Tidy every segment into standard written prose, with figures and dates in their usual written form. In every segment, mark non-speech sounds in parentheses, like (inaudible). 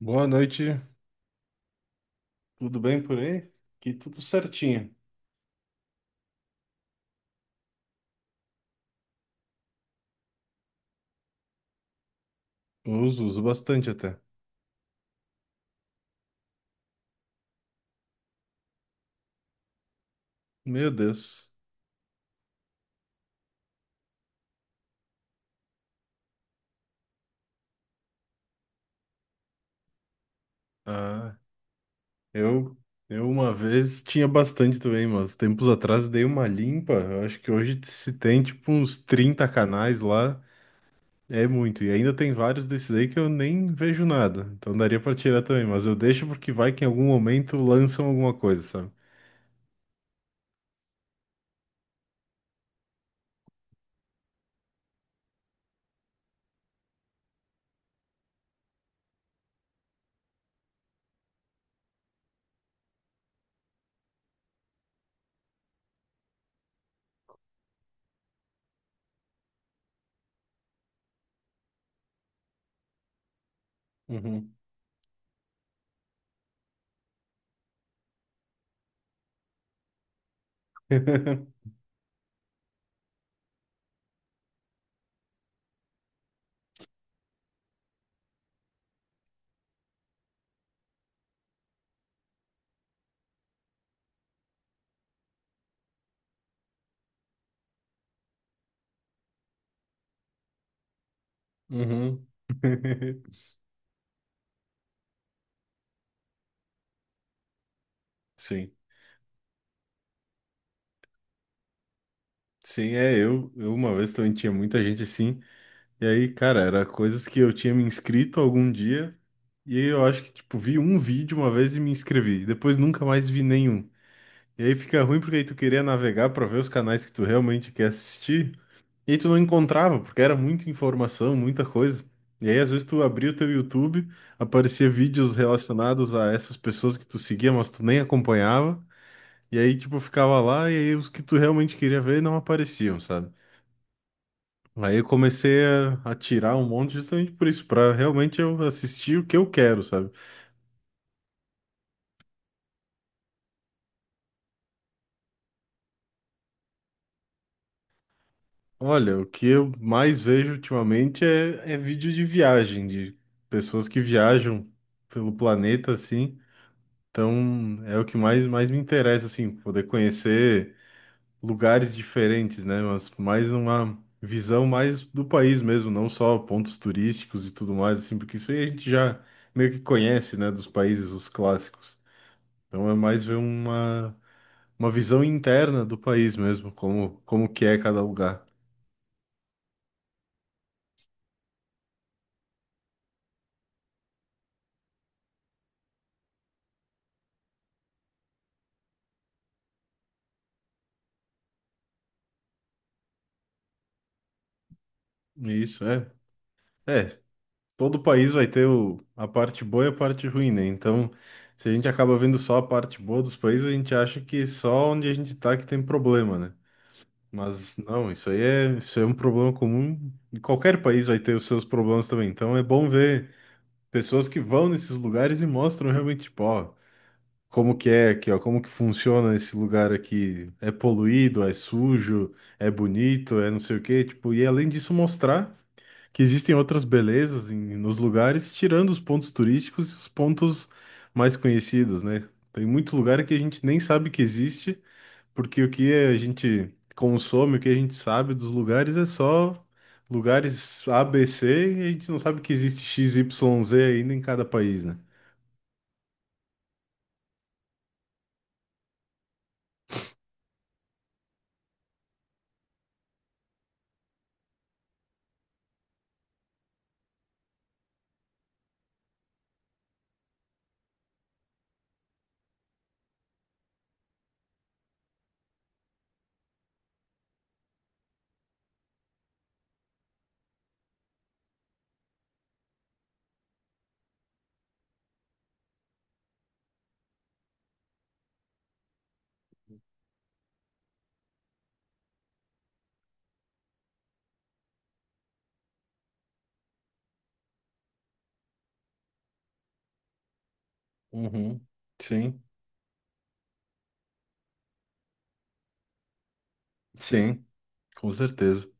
Boa noite, tudo bem por aí? Aqui tudo certinho. Uso, uso bastante até. Meu Deus. Ah, eu, eu uma vez tinha bastante também, mas tempos atrás dei uma limpa. Eu acho que hoje se tem tipo uns 30 canais lá. É muito. E ainda tem vários desses aí que eu nem vejo nada. Então daria pra tirar também, mas eu deixo porque vai que em algum momento lançam alguma coisa, sabe? Uhum. (laughs) Uhum. (laughs) Sim. Sim, é, eu uma vez também tinha muita gente assim, e aí, cara, era coisas que eu tinha me inscrito algum dia, e aí eu acho que, tipo, vi um vídeo uma vez e me inscrevi, e depois nunca mais vi nenhum. E aí fica ruim porque aí tu queria navegar pra ver os canais que tu realmente quer assistir, e aí tu não encontrava, porque era muita informação, muita coisa. E aí, às vezes, tu abria o teu YouTube, aparecia vídeos relacionados a essas pessoas que tu seguia, mas tu nem acompanhava, e aí, tipo, ficava lá, e aí os que tu realmente queria ver não apareciam, sabe? Aí eu comecei a tirar um monte justamente por isso, para realmente eu assistir o que eu quero, sabe? Olha, o que eu mais vejo ultimamente é vídeo de viagem, de pessoas que viajam pelo planeta, assim. Então é o que mais me interessa, assim, poder conhecer lugares diferentes, né? Mas mais uma visão mais do país mesmo, não só pontos turísticos e tudo mais, assim, porque isso aí a gente já meio que conhece, né, dos países, os clássicos. Então é mais ver uma visão interna do país mesmo, como, como que é cada lugar. Isso, é. É, todo país vai ter a parte boa e a parte ruim, né? Então, se a gente acaba vendo só a parte boa dos países, a gente acha que só onde a gente tá que tem problema, né? Mas não, isso é um problema comum e qualquer país vai ter os seus problemas também. Então é bom ver pessoas que vão nesses lugares e mostram realmente, tipo, ó, como que é aqui, ó, como que funciona esse lugar aqui? É poluído, é sujo, é bonito, é não sei o quê, tipo, e além disso mostrar que existem outras belezas nos lugares, tirando os pontos turísticos e os pontos mais conhecidos, né? Tem muito lugar que a gente nem sabe que existe, porque o que a gente consome, o que a gente sabe dos lugares é só lugares A, B, C, e a gente não sabe que existe X, Y, Z ainda em cada país, né? Uhum. Sim, sim. Com certeza. (laughs)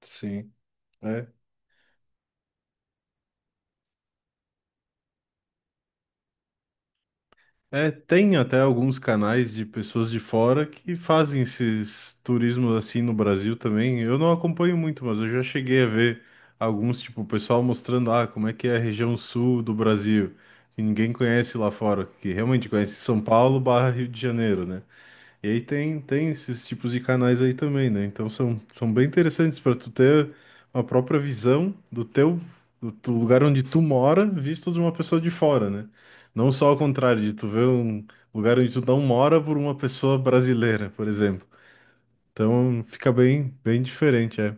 Sim. É. É, tem até alguns canais de pessoas de fora que fazem esses turismos assim no Brasil também. Eu não acompanho muito, mas eu já cheguei a ver alguns, tipo, o pessoal mostrando, ah, como é que é a região sul do Brasil, que ninguém conhece lá fora, que realmente conhece São Paulo barra Rio de Janeiro, né? E aí tem esses tipos de canais aí também, né? Então são bem interessantes para tu ter uma própria visão do teu, do lugar onde tu mora, visto de uma pessoa de fora, né? Não só ao contrário, de tu ver um lugar onde tu não mora por uma pessoa brasileira, por exemplo. Então fica bem, bem diferente, é.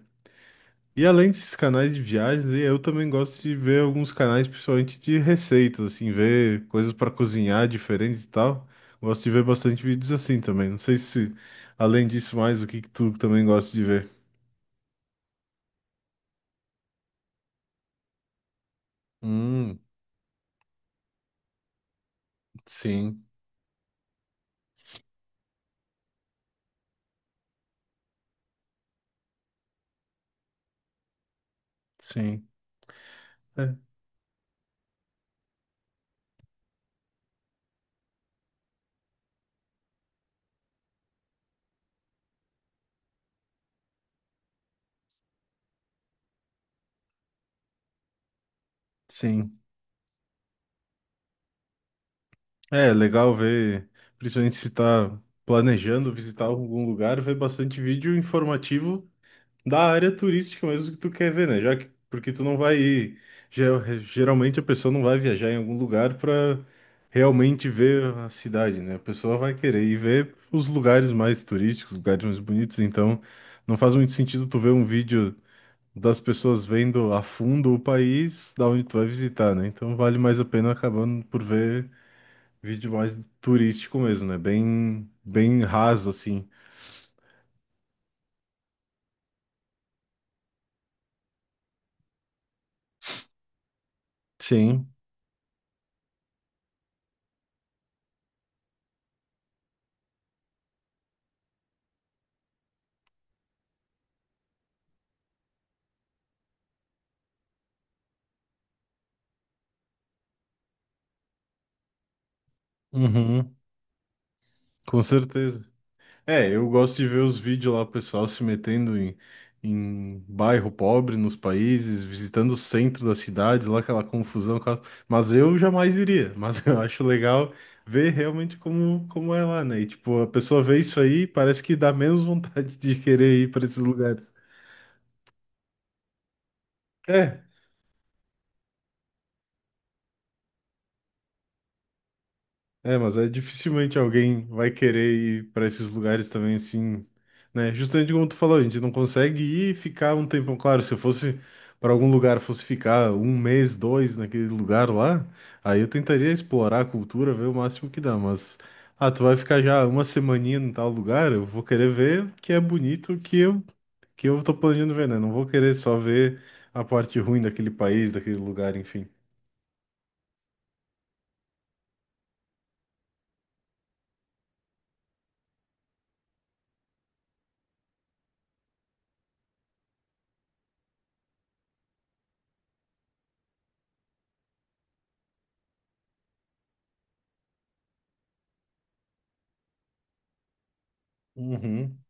E além desses canais de viagens, eu também gosto de ver alguns canais, principalmente de receitas, assim, ver coisas para cozinhar diferentes e tal. Gosto de ver bastante vídeos assim também. Não sei se, além disso, mais o que que tu também gosta de ver. Hum, sim, sim, é, sim. É legal ver, principalmente se tá planejando visitar algum lugar, ver bastante vídeo informativo da área turística mesmo que tu quer ver, né? Já que, porque tu não vai ir. Geralmente a pessoa não vai viajar em algum lugar para realmente ver a cidade, né? A pessoa vai querer ir ver os lugares mais turísticos, os lugares mais bonitos. Então, não faz muito sentido tu ver um vídeo das pessoas vendo a fundo o país da onde tu vai visitar, né? Então, vale mais a pena acabando por ver vídeo mais turístico mesmo, né? Bem, bem raso assim. Sim. Uhum, com certeza. É, eu gosto de ver os vídeos lá, o pessoal se metendo em bairro pobre nos países, visitando o centro da cidade, lá aquela confusão. Mas eu jamais iria. Mas (laughs) eu acho legal ver realmente como, como é lá, né? E tipo, a pessoa vê isso aí, parece que dá menos (laughs) vontade de querer ir para esses lugares. É, É, mas é dificilmente alguém vai querer ir para esses lugares também assim, né? Justamente como tu falou, a gente não consegue ir e ficar um tempão. Claro, se eu fosse para algum lugar, fosse ficar um mês, dois naquele lugar lá, aí eu tentaria explorar a cultura, ver o máximo que dá. Mas, ah, tu vai ficar já uma semaninha em tal lugar, eu vou querer ver o que é bonito, o que eu tô planejando ver, né? Não vou querer só ver a parte ruim daquele país, daquele lugar, enfim. Uhum.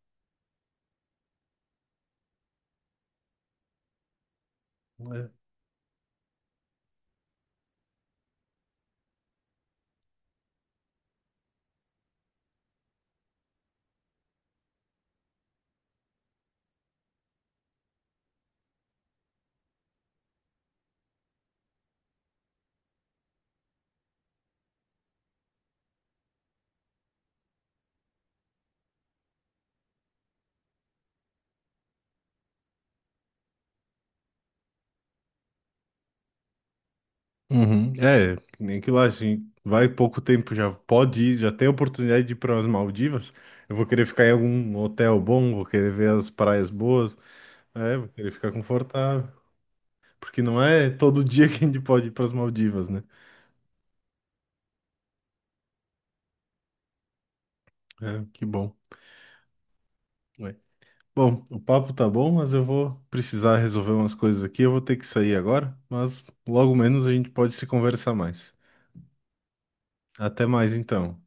Uhum. É, nem que lá, assim, vai pouco tempo já pode ir, já tem a oportunidade de ir para as Maldivas. Eu vou querer ficar em algum hotel bom, vou querer ver as praias boas, é, vou querer ficar confortável, porque não é todo (laughs) dia que a gente pode ir para as Maldivas, né? É, que bom. Ué. Bom, o papo tá bom, mas eu vou precisar resolver umas coisas aqui, eu vou ter que sair agora, mas logo menos a gente pode se conversar mais. Até mais então.